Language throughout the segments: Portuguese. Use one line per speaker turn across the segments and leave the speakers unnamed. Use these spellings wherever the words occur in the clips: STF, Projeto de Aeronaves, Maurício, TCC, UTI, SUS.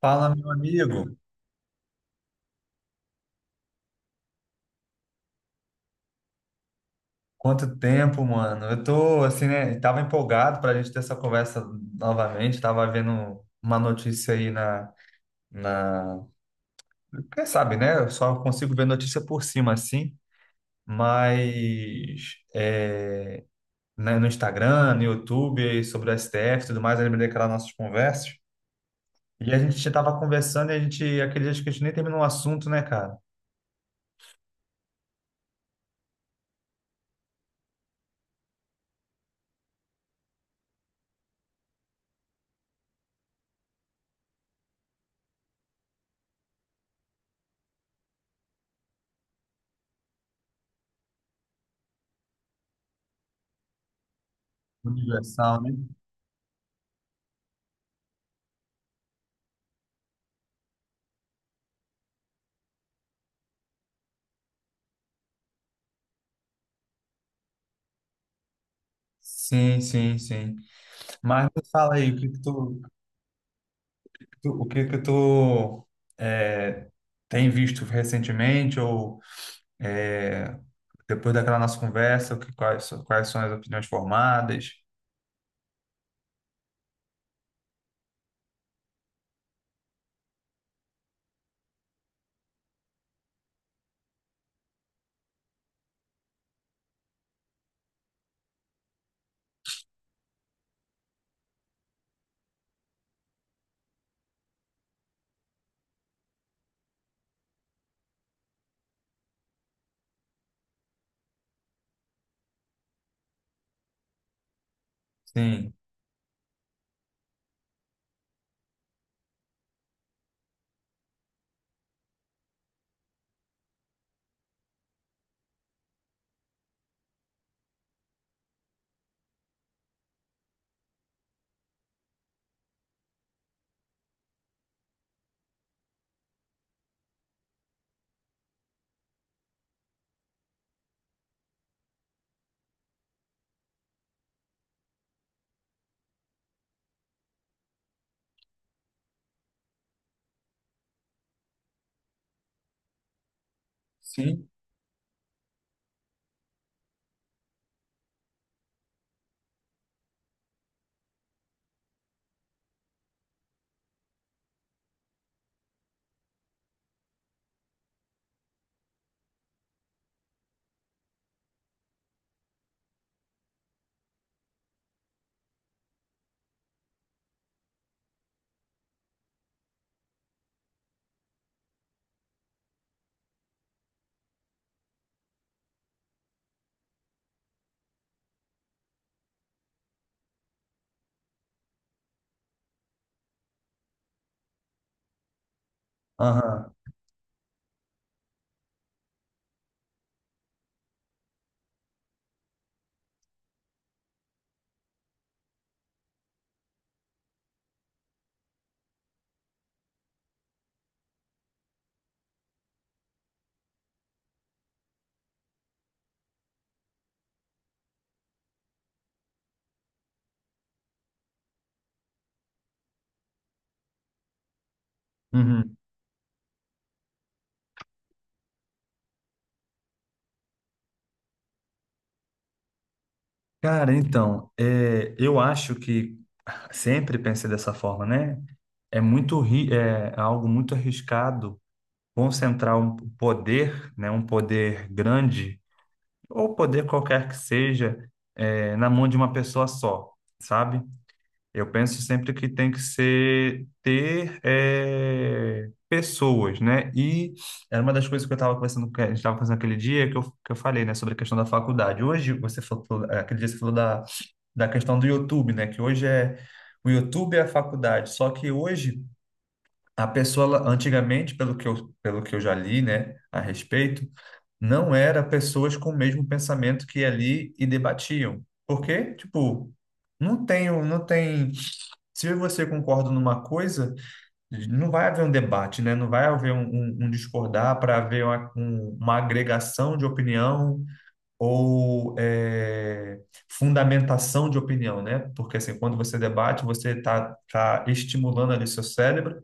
Fala, meu amigo. Quanto tempo, mano? Eu tô assim, né? Tava empolgado pra gente ter essa conversa novamente. Tava vendo uma notícia aí na... Quem sabe, né? Eu só consigo ver notícia por cima, assim. Mas é, né, no Instagram, no YouTube, sobre o STF e tudo mais, eu lembrei daquelas nossas conversas. E a gente tava conversando e a gente, aquele dia acho que a gente nem terminou o assunto, né, cara? Universal, né? Sim, sim, sim. Mas me fala aí, o que que tu, O que que tu é, tem visto recentemente ou é, depois daquela nossa conversa, quais são as opiniões formadas? Sim. Sim. Aham. Uhum. Cara, então, eu acho que sempre pensei dessa forma, né? É algo muito arriscado concentrar um poder, né, um poder grande ou poder qualquer que seja, na mão de uma pessoa só, sabe? Eu penso sempre que tem que ser ter eh, pessoas, né? E era uma das coisas que eu estava conversando, que a gente estava fazendo aquele dia que eu falei, né, sobre a questão da faculdade. Hoje você falou, aquele dia você falou da questão do YouTube, né? Que hoje o YouTube é a faculdade. Só que hoje a pessoa, ela- antigamente, pelo que eu já li, né, a respeito não era pessoas com o mesmo pensamento que ia ali e debatiam. Porque, tipo, não tem. Se eu e você concordam numa coisa, não vai haver um debate, né? Não vai haver um discordar para haver uma agregação de opinião ou fundamentação de opinião, né? Porque assim, quando você debate, você está estimulando ali seu cérebro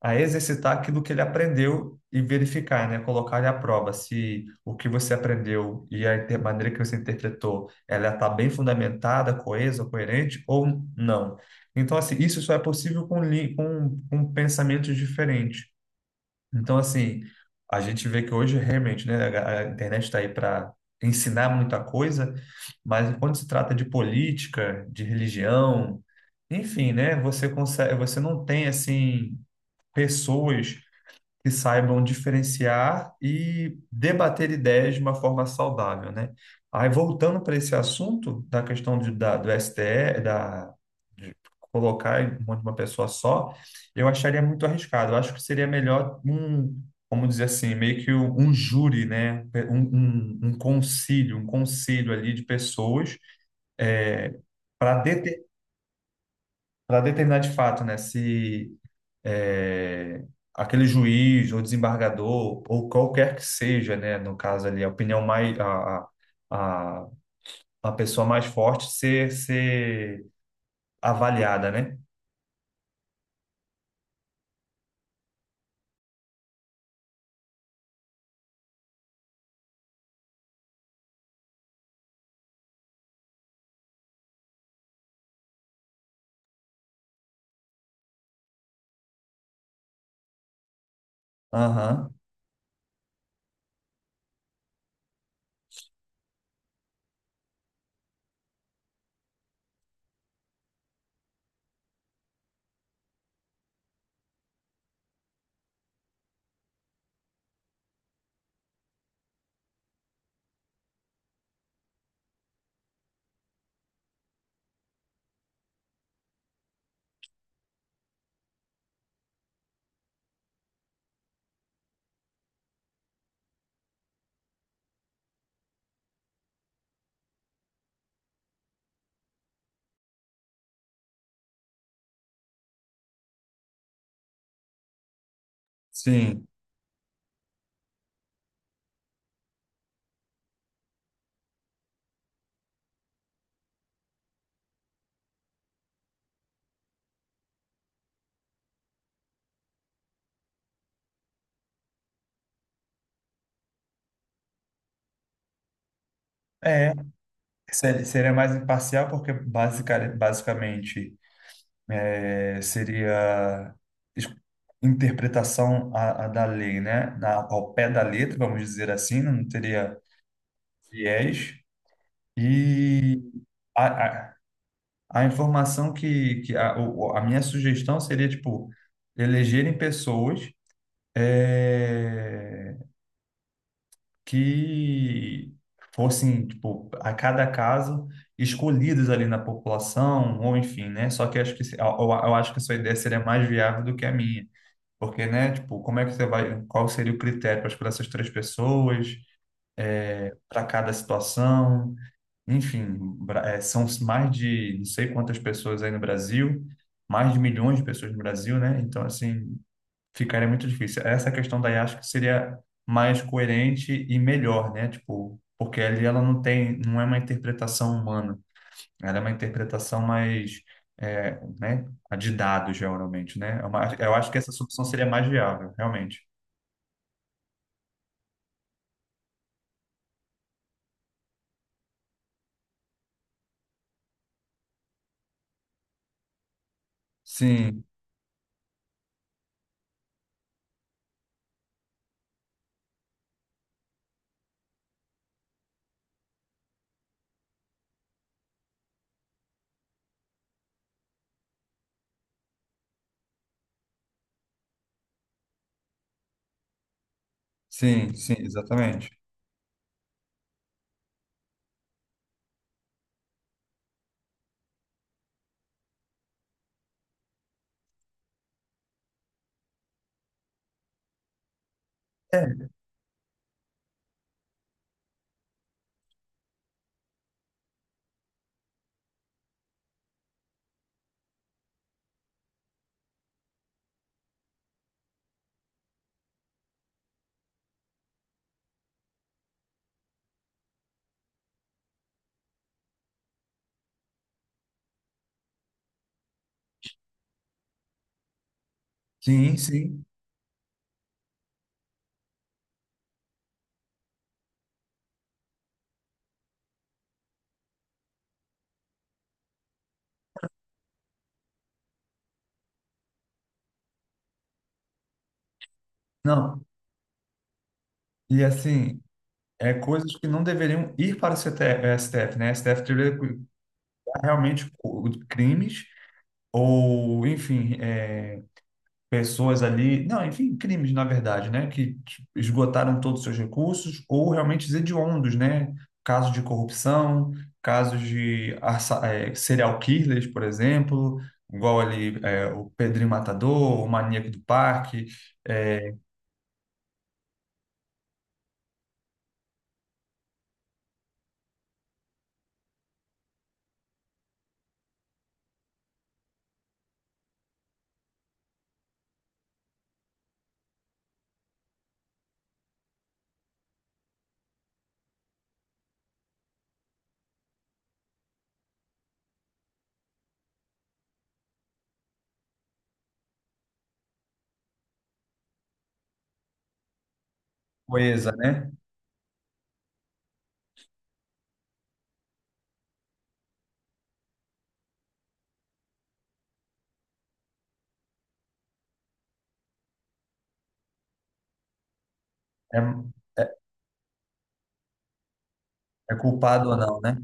a exercitar aquilo que ele aprendeu e verificar, né? Colocar ele à prova se o que você aprendeu e a maneira que você interpretou, ela está bem fundamentada, coesa, coerente ou não. Então, assim, isso só é possível com pensamentos diferentes. Então, assim, a gente vê que hoje realmente, né, a internet está aí para ensinar muita coisa, mas quando se trata de política, de religião, enfim, né, você consegue, você não tem assim pessoas que saibam diferenciar e debater ideias de uma forma saudável, né? Aí, voltando para esse assunto da questão do STE, da, de colocar em mão de uma pessoa só, eu acharia muito arriscado. Eu acho que seria melhor um, vamos dizer assim, meio que um, júri, né? Um concílio, um conselho ali de pessoas é, para determinar de fato, né, se é, aquele juiz ou desembargador ou qualquer que seja, né, no caso ali, a opinião mais a a pessoa mais forte ser avaliada, né? Aham, sim. É, seria mais imparcial porque basicamente seria es- interpretação a da lei, né? Na, ao pé da letra, vamos dizer assim, não teria viés. E a, a, a informação que a minha sugestão seria, tipo, elegerem pessoas eh, que fossem, tipo, a cada caso escolhidos ali na população, ou enfim, né? Só que acho que eu acho que a sua ideia seria mais viável do que a minha. Porque, né, tipo, como é que você vai, qual seria o critério para escolher essas três pessoas para cada situação? Enfim, são mais de não sei quantas pessoas aí no Brasil, mais de milhões de pessoas no Brasil, né? Então, assim, ficaria muito difícil. Essa questão daí acho que seria mais coerente e melhor, né? Tipo, porque ali ela não tem, não é uma interpretação humana, ela é uma interpretação mais, né? A de dados, geralmente, né? Eu acho que essa solução seria mais viável, realmente. Sim, sim, sim, exatamente. É, sim, sim. Não, e assim. É coisas que não deveriam ir para o STF, né? STF deveria cuidar realmente de crimes ou, enfim, pessoas ali, não, enfim, crimes na verdade, né? Que esgotaram todos os seus recursos ou realmente os hediondos, né? Casos de corrupção, casos de serial killers, por exemplo, igual ali o Pedrinho Matador, o Maníaco do Parque, coisa, né? É, é é culpado ou não, né?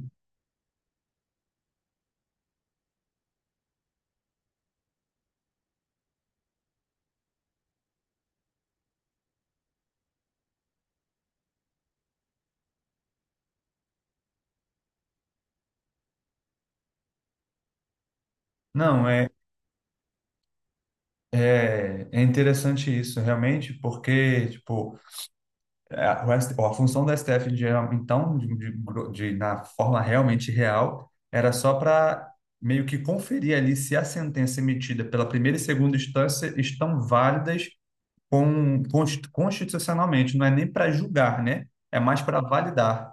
Não, é. É é interessante isso, realmente, porque, tipo, a função do STF, então, na forma realmente real, era só para meio que conferir ali se a sentença emitida pela primeira e segunda instância estão válidas com, constitucionalmente, não é nem para julgar, né? É mais para validar.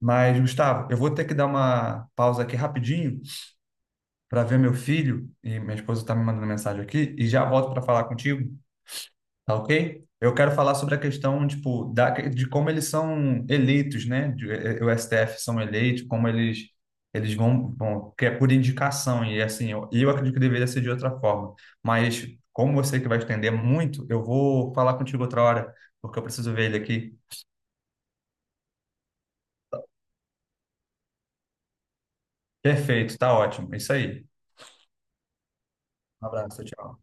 Mas, Gustavo, eu vou ter que dar uma pausa aqui rapidinho para ver meu filho, e minha esposa está me mandando mensagem aqui, e já volto para falar contigo. Tá ok? Eu quero falar sobre a questão, tipo, de como eles são eleitos, né? O STF são eleitos, como eles vão, bom, que é por indicação e assim, eu acredito que deveria ser de outra forma. Mas como você que vai estender muito, eu vou falar contigo outra hora, porque eu preciso ver ele aqui. Perfeito, tá ótimo. Isso aí. Um abraço, tchau.